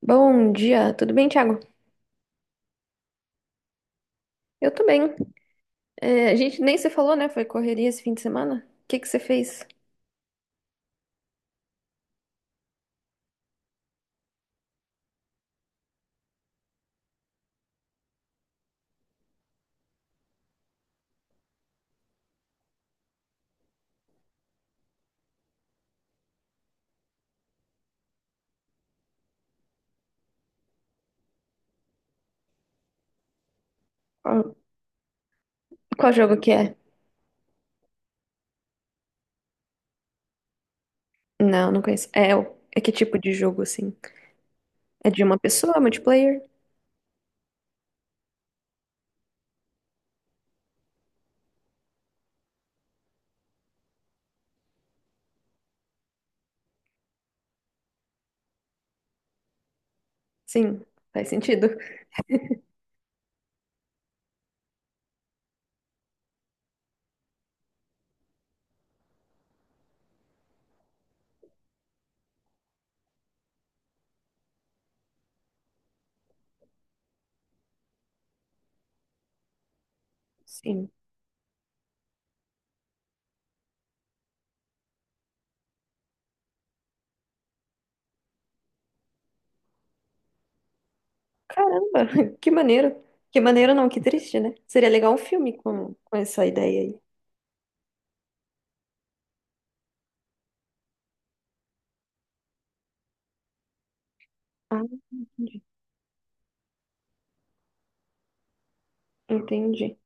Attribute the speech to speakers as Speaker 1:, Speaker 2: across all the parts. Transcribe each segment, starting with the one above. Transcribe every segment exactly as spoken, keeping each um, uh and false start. Speaker 1: Bom dia, tudo bem, Thiago? Eu tô bem. É, a gente nem se falou, né? Foi correria esse fim de semana? O que que você fez? Qual, qual jogo que é? Não, não conheço. É, o- é que tipo de jogo, assim? É de uma pessoa, multiplayer? Sim, faz sentido. Sim. Caramba, que maneiro. Que maneiro não, que triste, né? Seria legal um filme com, com essa ideia aí. Ah, entendi. Entendi.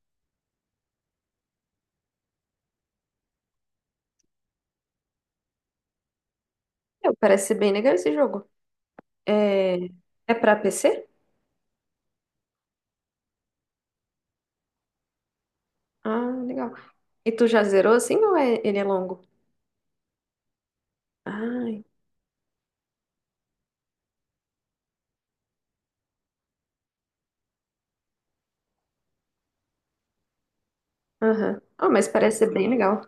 Speaker 1: É, parece ser bem legal esse jogo. É, é pra P C? Ah, legal. E tu já zerou assim ou é, ele é longo? Ah, aham. Ah, mas parece ser bem legal.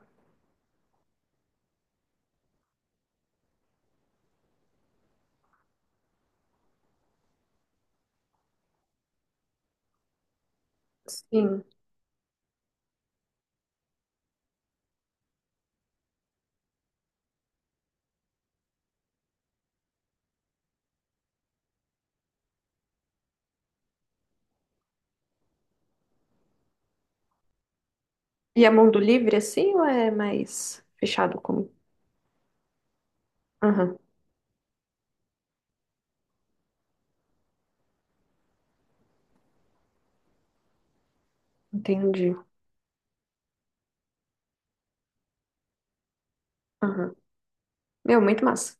Speaker 1: Sim. E é mundo livre assim ou é mais fechado como? Aham, entendi. Aham. Meu, muito massa.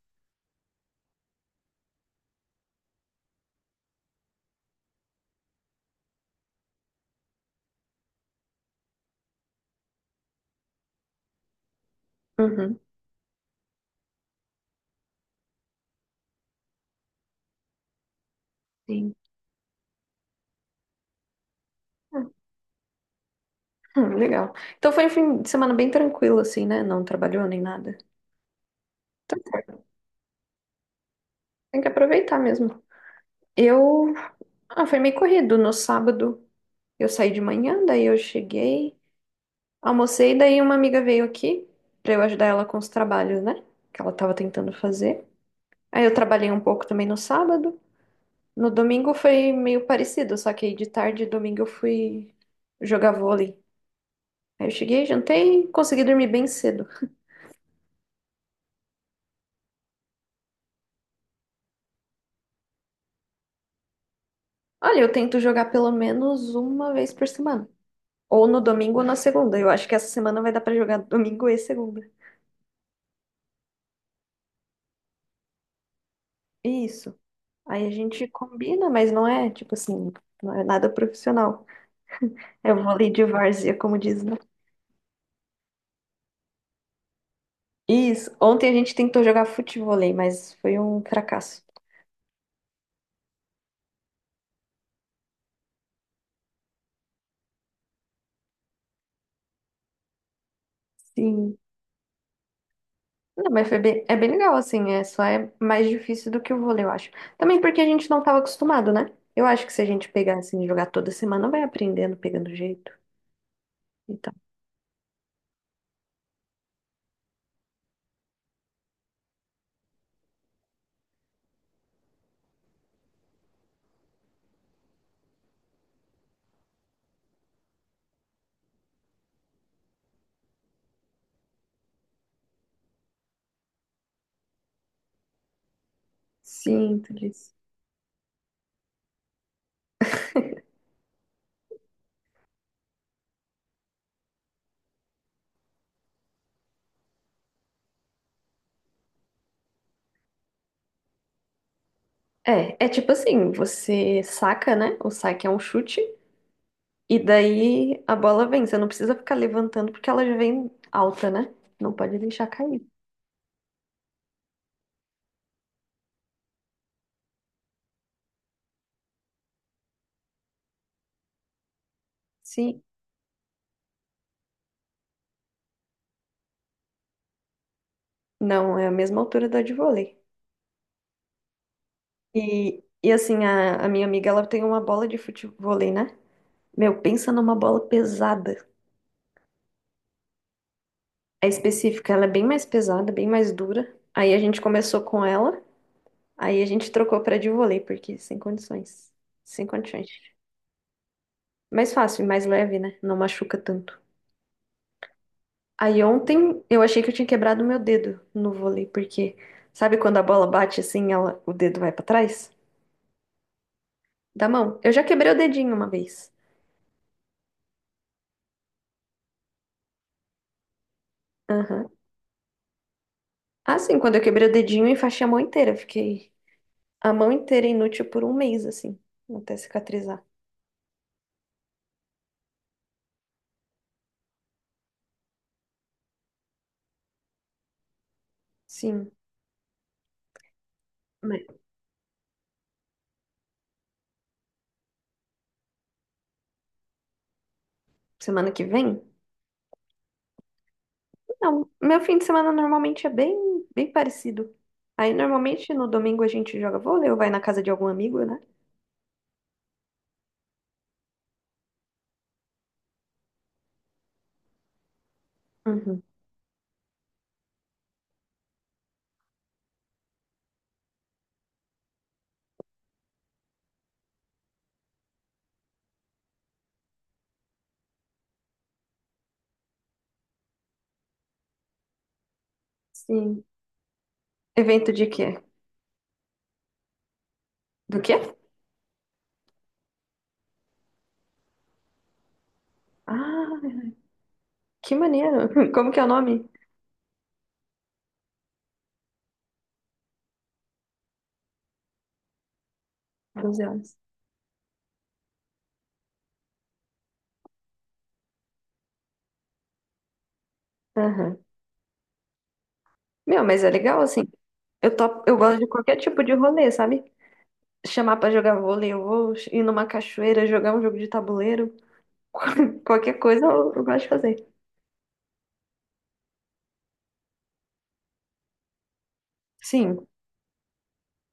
Speaker 1: Uhum, sim. Ah, hum, legal. Então foi um fim de semana bem tranquilo, assim, né? Não trabalhou nem nada. Tá certo. Tem que aproveitar mesmo. Eu. Ah, foi meio corrido. No sábado eu saí de manhã, daí eu cheguei, almocei, daí uma amiga veio aqui pra eu ajudar ela com os trabalhos, né? Que ela tava tentando fazer. Aí eu trabalhei um pouco também no sábado. No domingo foi meio parecido, só que aí de tarde, domingo, eu fui jogar vôlei. Aí eu cheguei, jantei e consegui dormir bem cedo. Olha, eu tento jogar pelo menos uma vez por semana. Ou no domingo ou na segunda. Eu acho que essa semana vai dar pra jogar domingo e segunda. Isso. Aí a gente combina, mas não é, tipo assim, não é nada profissional. É vôlei de várzea, como diz, né? Isso. Ontem a gente tentou jogar futevôlei, mas foi um fracasso. Sim. Não, mas foi bem- é bem legal, assim, é, só é mais difícil do que o vôlei, eu acho. Também porque a gente não estava acostumado, né? Eu acho que se a gente pegar, assim, e jogar toda semana, vai aprendendo, pegando jeito e tal. Sim, tudo isso. É, é tipo assim, você saca, né? O saque é um chute, e daí a bola vem. Você não precisa ficar levantando porque ela já vem alta, né? Não pode deixar cair. Sim, não, é a mesma altura da de vôlei. E, e assim, a, a minha amiga, ela tem uma bola de futevôlei, né? Meu, pensa numa bola pesada. É específica, ela é bem mais pesada, bem mais dura. Aí a gente começou com ela, aí a gente trocou pra de vôlei, porque sem condições. Sem condições. Mais fácil, e mais leve, né? Não machuca tanto. Aí ontem eu achei que eu tinha quebrado meu dedo no vôlei, porque sabe quando a bola bate assim, ela, o dedo vai pra trás? Da mão. Eu já quebrei o dedinho uma vez. Aham. Ah, sim, quando eu quebrei o dedinho, eu enfaixei a mão inteira. Fiquei a mão inteira inútil por um mês, assim, até cicatrizar. Sim. Mas semana que vem? Não, meu fim de semana normalmente é bem, bem parecido. Aí normalmente no domingo a gente joga vôlei ou vai na casa de algum amigo, né? Uhum. Sim. Evento de quê? Do quê? Ah, que maneiro. Como que é o nome? doze horas. Aham. Meu, mas é legal assim. Eu topo, eu gosto de qualquer tipo de rolê, sabe? Chamar pra jogar vôlei, eu vou ir numa cachoeira, jogar um jogo de tabuleiro, qualquer coisa eu, eu gosto de fazer. Sim.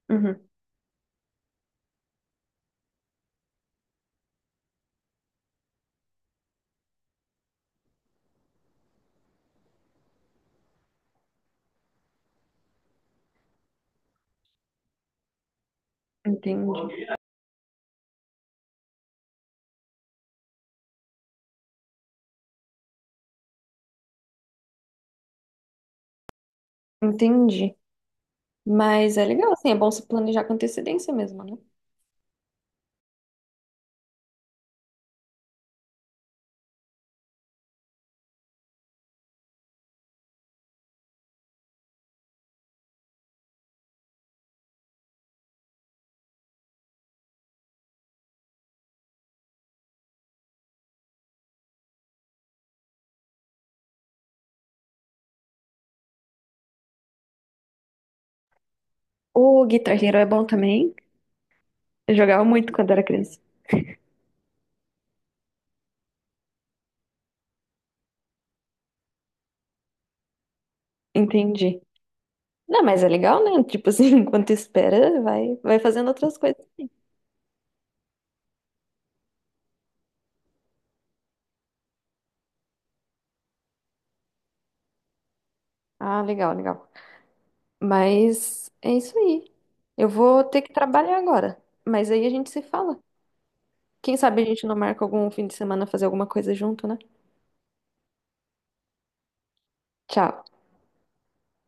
Speaker 1: Uhum. Entendi. Entendi. Mas é legal, assim, é bom se planejar com antecedência mesmo, né? O Guitar Hero é bom também. Eu jogava muito quando era criança. Entendi. Não, mas é legal, né? Tipo assim, enquanto espera, vai, vai fazendo outras coisas. Ah, legal, legal. Mas é isso aí. Eu vou ter que trabalhar agora. Mas aí a gente se fala. Quem sabe a gente não marca algum fim de semana fazer alguma coisa junto, né? Tchau.